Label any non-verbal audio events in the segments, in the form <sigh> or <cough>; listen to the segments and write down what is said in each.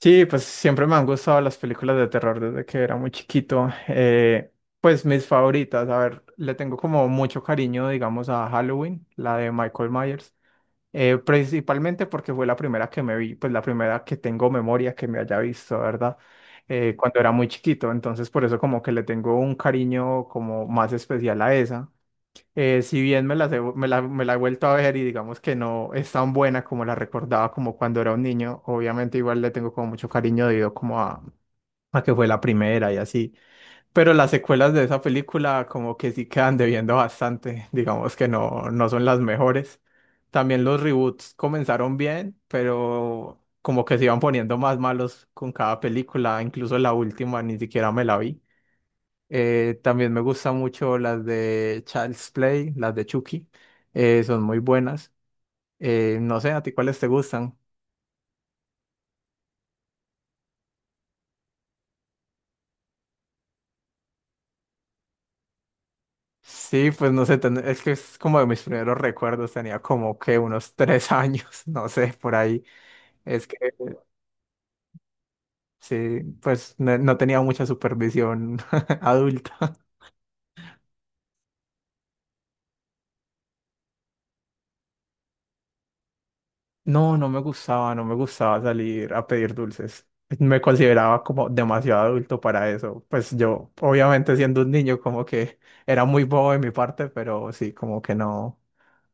Sí, pues siempre me han gustado las películas de terror desde que era muy chiquito. Pues mis favoritas, a ver, le tengo como mucho cariño, digamos, a Halloween, la de Michael Myers, principalmente porque fue la primera que me vi, pues la primera que tengo memoria que me haya visto, ¿verdad? Cuando era muy chiquito, entonces por eso como que le tengo un cariño como más especial a esa. Si bien me las he me la he vuelto a ver y digamos que no es tan buena como la recordaba como cuando era un niño, obviamente igual le tengo como mucho cariño debido como a que fue la primera y así, pero las secuelas de esa película como que sí quedan debiendo bastante. <laughs> Digamos que no, no son las mejores. También los reboots comenzaron bien, pero como que se iban poniendo más malos con cada película, incluso la última ni siquiera me la vi. También me gustan mucho las de Child's Play, las de Chucky. Son muy buenas. No sé, ¿a ti cuáles te gustan? Sí, pues no sé, es que es como de mis primeros recuerdos. Tenía como que unos 3 años, <laughs> no sé, por ahí. Es que sí, pues no, no tenía mucha supervisión <laughs> adulta. No, no me gustaba, no me gustaba salir a pedir dulces. Me consideraba como demasiado adulto para eso. Pues yo, obviamente siendo un niño, como que era muy bobo de mi parte, pero sí, como que no.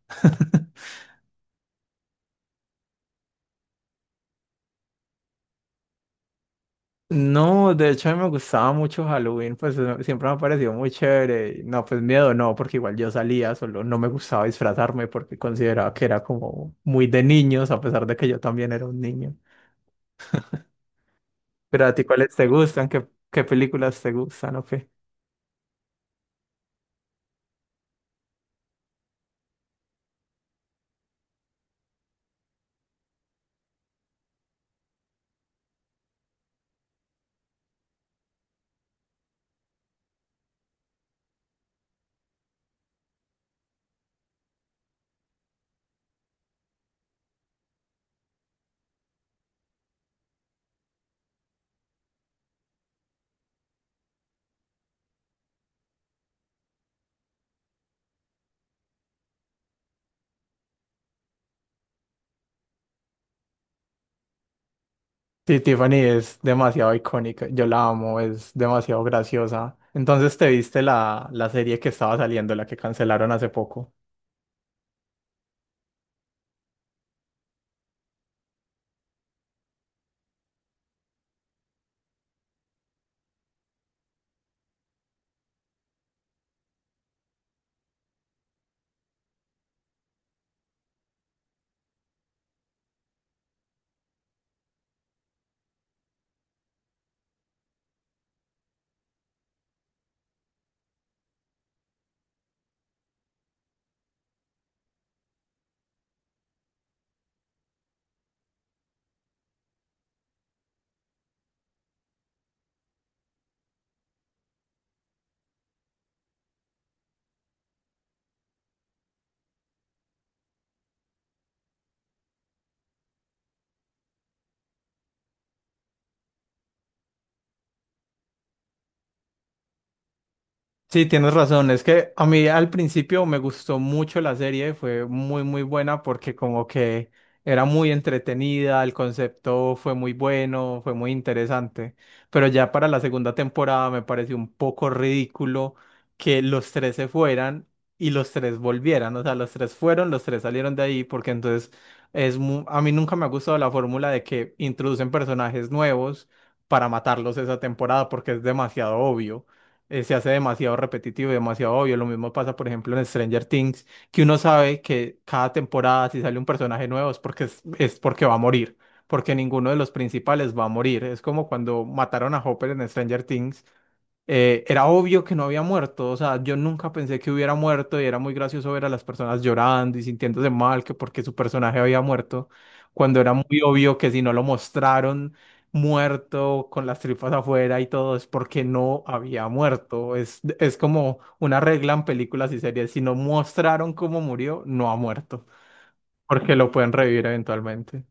<laughs> No, de hecho a mí me gustaba mucho Halloween, pues siempre me ha parecido muy chévere. Y no, pues miedo no, porque igual yo salía, solo no me gustaba disfrazarme porque consideraba que era como muy de niños, a pesar de que yo también era un niño. Pero a ti, ¿cuáles te gustan? ¿Qué películas te gustan? ¿O qué? Sí, Tiffany es demasiado icónica, yo la amo, es demasiado graciosa. Entonces, ¿te viste la serie que estaba saliendo, la que cancelaron hace poco? Sí, tienes razón. Es que a mí al principio me gustó mucho la serie, fue muy, muy buena porque como que era muy entretenida, el concepto fue muy bueno, fue muy interesante. Pero ya para la segunda temporada me pareció un poco ridículo que los tres se fueran y los tres volvieran. O sea, los tres fueron, los tres salieron de ahí porque entonces es mu- a mí nunca me ha gustado la fórmula de que introducen personajes nuevos para matarlos esa temporada porque es demasiado obvio, se hace demasiado repetitivo y demasiado obvio. Lo mismo pasa, por ejemplo, en Stranger Things, que uno sabe que cada temporada si sale un personaje nuevo es porque va a morir, porque ninguno de los principales va a morir. Es como cuando mataron a Hopper en Stranger Things. Era obvio que no había muerto, o sea, yo nunca pensé que hubiera muerto y era muy gracioso ver a las personas llorando y sintiéndose mal que porque su personaje había muerto, cuando era muy obvio que si no lo mostraron muerto con las tripas afuera y todo, es porque no había muerto. Es como una regla en películas y series: si no mostraron cómo murió, no ha muerto, porque lo pueden revivir eventualmente.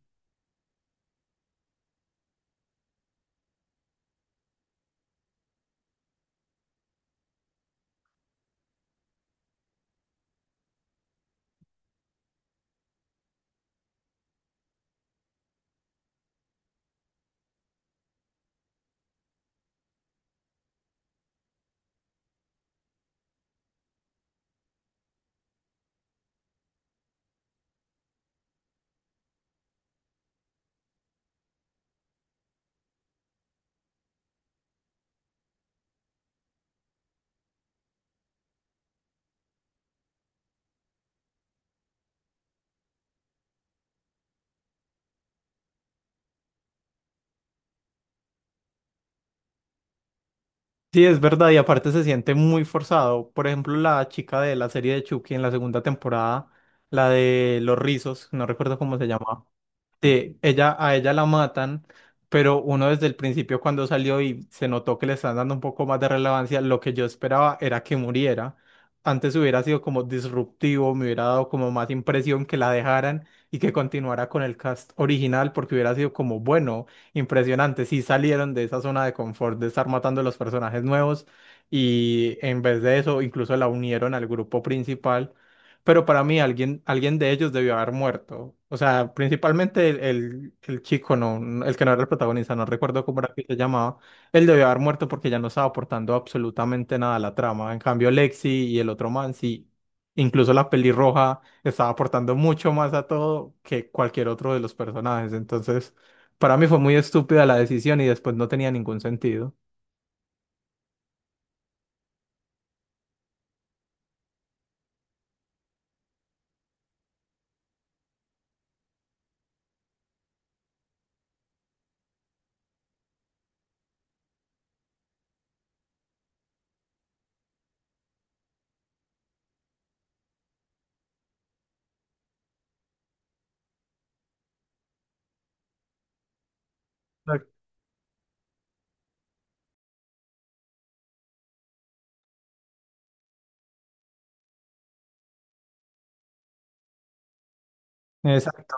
Sí, es verdad, y aparte se siente muy forzado. Por ejemplo, la chica de la serie de Chucky en la segunda temporada, la de los rizos, no recuerdo cómo se llamaba. Sí, ella, a ella la matan, pero uno desde el principio cuando salió y se notó que le están dando un poco más de relevancia, lo que yo esperaba era que muriera. Antes hubiera sido como disruptivo, me hubiera dado como más impresión que la dejaran y que continuara con el cast original, porque hubiera sido como, bueno, impresionante, si salieron de esa zona de confort de estar matando a los personajes nuevos y en vez de eso incluso la unieron al grupo principal. Pero para mí alguien, alguien de ellos debió haber muerto. O sea, principalmente el chico, no, el que no era el protagonista, no recuerdo cómo era que se llamaba. Él debió haber muerto porque ya no estaba aportando absolutamente nada a la trama. En cambio, Lexi y el otro man, sí, incluso la pelirroja estaba aportando mucho más a todo que cualquier otro de los personajes. Entonces, para mí fue muy estúpida la decisión y después no tenía ningún sentido. Exacto. Exacto.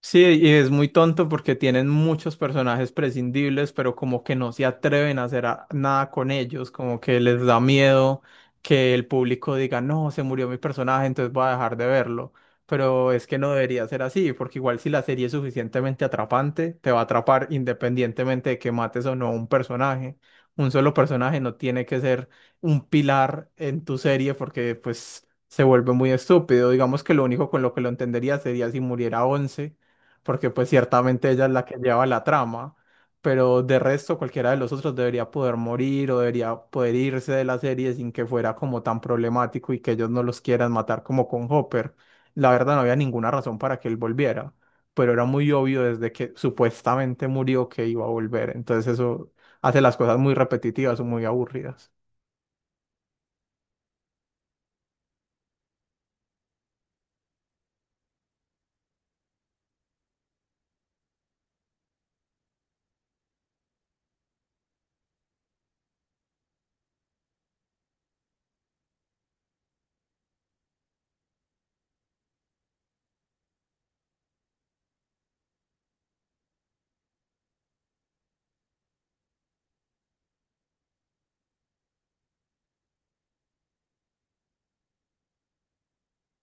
Sí, y es muy tonto porque tienen muchos personajes prescindibles, pero como que no se atreven a hacer nada con ellos, como que les da miedo que el público diga, no, se murió mi personaje, entonces voy a dejar de verlo. Pero es que no debería ser así, porque igual si la serie es suficientemente atrapante, te va a atrapar independientemente de que mates o no un personaje. Un solo personaje no tiene que ser un pilar en tu serie porque pues se vuelve muy estúpido. Digamos que lo único con lo que lo entendería sería si muriera once, porque pues ciertamente ella es la que lleva la trama, pero de resto cualquiera de los otros debería poder morir o debería poder irse de la serie sin que fuera como tan problemático, y que ellos no los quieran matar como con Hopper. La verdad no había ninguna razón para que él volviera, pero era muy obvio desde que supuestamente murió que iba a volver, entonces eso hace las cosas muy repetitivas o muy aburridas.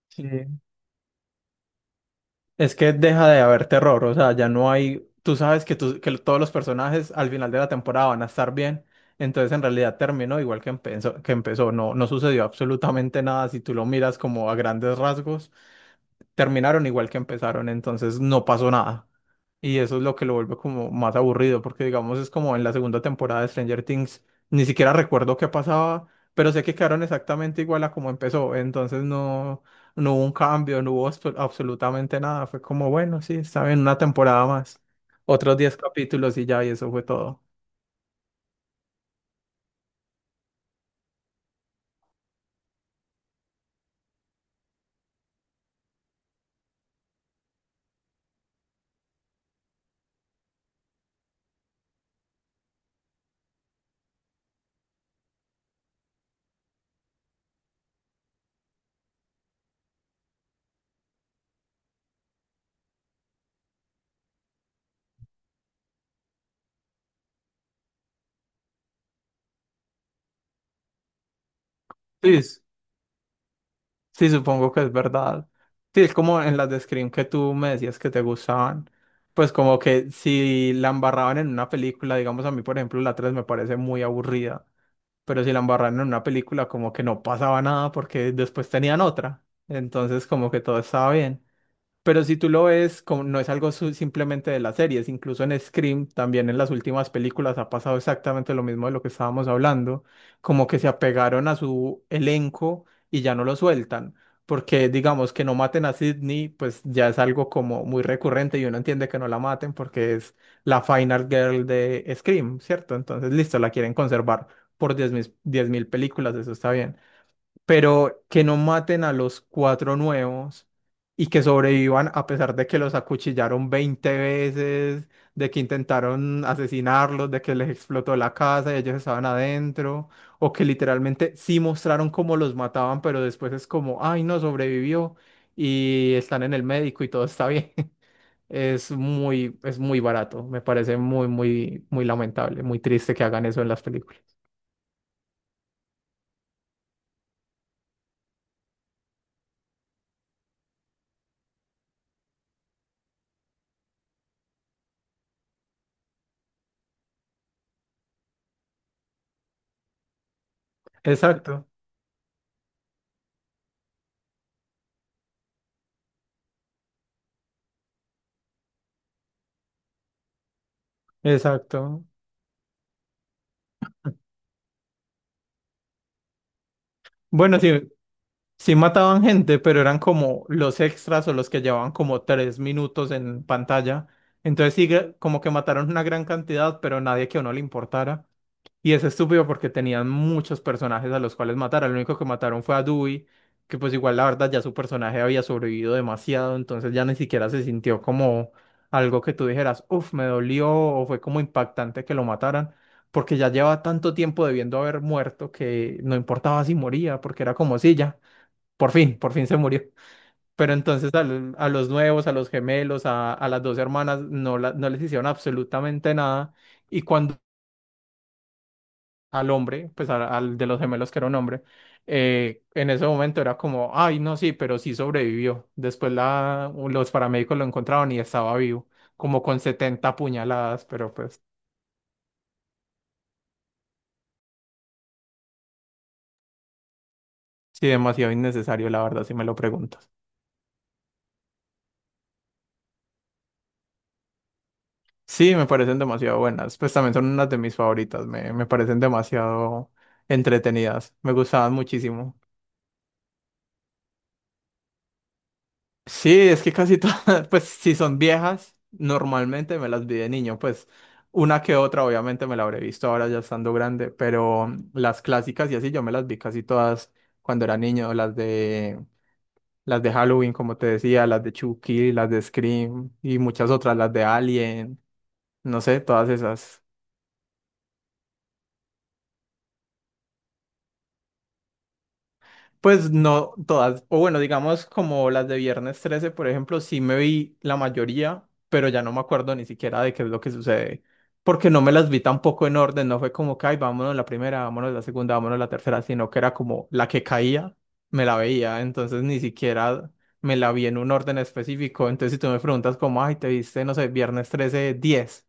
Sí. Es que deja de haber terror, o sea, ya no hay, tú sabes que todos los personajes al final de la temporada van a estar bien, entonces en realidad terminó igual que empezó, no, no sucedió absolutamente nada. Si tú lo miras como a grandes rasgos, terminaron igual que empezaron, entonces no pasó nada. Y eso es lo que lo vuelve como más aburrido, porque digamos es como en la segunda temporada de Stranger Things, ni siquiera recuerdo qué pasaba, pero sé que quedaron exactamente igual a como empezó, entonces no. No hubo un cambio, no hubo absolutamente nada. Fue como, bueno, sí, está bien, una temporada más. Otros 10 capítulos y ya, y eso fue todo. Sí, sí, supongo que es verdad. Sí, es como en las de Scream, que tú me decías que te gustaban. Pues como que si la embarraban en una película, digamos a mí, por ejemplo, la 3 me parece muy aburrida, pero si la embarraban en una película, como que no pasaba nada porque después tenían otra. Entonces, como que todo estaba bien. Pero si tú lo ves, como no es algo simplemente de las series, incluso en Scream, también en las últimas películas ha pasado exactamente lo mismo de lo que estábamos hablando, como que se apegaron a su elenco y ya no lo sueltan, porque digamos que no maten a Sydney, pues ya es algo como muy recurrente y uno entiende que no la maten porque es la final girl de Scream, ¿cierto? Entonces, listo, la quieren conservar por 10.000 películas, eso está bien, pero que no maten a los cuatro nuevos y que sobrevivan a pesar de que los acuchillaron 20 veces, de que intentaron asesinarlos, de que les explotó la casa y ellos estaban adentro, o que literalmente sí mostraron cómo los mataban, pero después es como, ay, no sobrevivió y están en el médico y todo está bien. <laughs> Es muy barato, me parece muy, muy, muy lamentable, muy triste que hagan eso en las películas. Exacto, exacto. Bueno, sí. Sí mataban gente, pero eran como los extras o los que llevaban como 3 minutos en pantalla. Entonces sí, como que mataron una gran cantidad, pero nadie que a uno le importara. Y es estúpido porque tenían muchos personajes a los cuales matar. El único que mataron fue a Dewey, que pues igual la verdad ya su personaje había sobrevivido demasiado, entonces ya ni siquiera se sintió como algo que tú dijeras, uff, me dolió o fue como impactante que lo mataran, porque ya lleva tanto tiempo debiendo haber muerto que no importaba si moría, porque era como si ya. Por fin se murió. Pero entonces a los nuevos, a, los gemelos, a las dos hermanas, no, no les hicieron absolutamente nada. Y cuando al hombre, pues al de los gemelos que era un hombre, en ese momento era como, ay, no, sí, pero sí sobrevivió. Después los paramédicos lo encontraron y estaba vivo, como con 70 puñaladas, pero pues sí, demasiado innecesario, la verdad, si me lo preguntas. Sí, me parecen demasiado buenas. Pues también son unas de mis favoritas. Me parecen demasiado entretenidas. Me gustaban muchísimo. Sí, es que casi todas, <laughs> pues si son viejas, normalmente me las vi de niño. Pues una que otra, obviamente me la habré visto ahora ya estando grande, pero las clásicas y así yo me las vi casi todas cuando era niño. Las de Halloween, como te decía, las de Chucky, las de Scream y muchas otras, las de Alien, no sé, todas esas. Pues no todas, o bueno, digamos como las de Viernes trece por ejemplo, sí me vi la mayoría, pero ya no me acuerdo ni siquiera de qué es lo que sucede, porque no me las vi tampoco en orden, no fue como que, ay, vámonos la primera, vámonos la segunda, vámonos la tercera, sino que era como la que caía, me la veía, entonces ni siquiera me la vi en un orden específico, entonces si tú me preguntas como, ay, te viste, no sé, Viernes trece diez,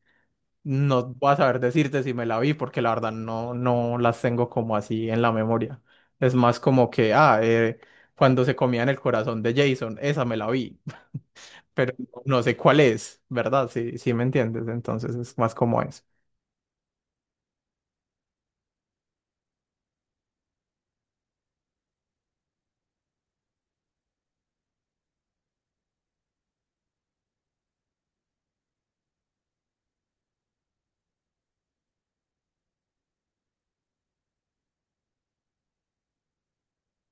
no voy a saber decirte si me la vi, porque la verdad no, no las tengo como así en la memoria. Es más como que, cuando se comían el corazón de Jason, esa me la vi, <laughs> pero no sé cuál es, ¿verdad? Sí, sí me entiendes, entonces es más como eso.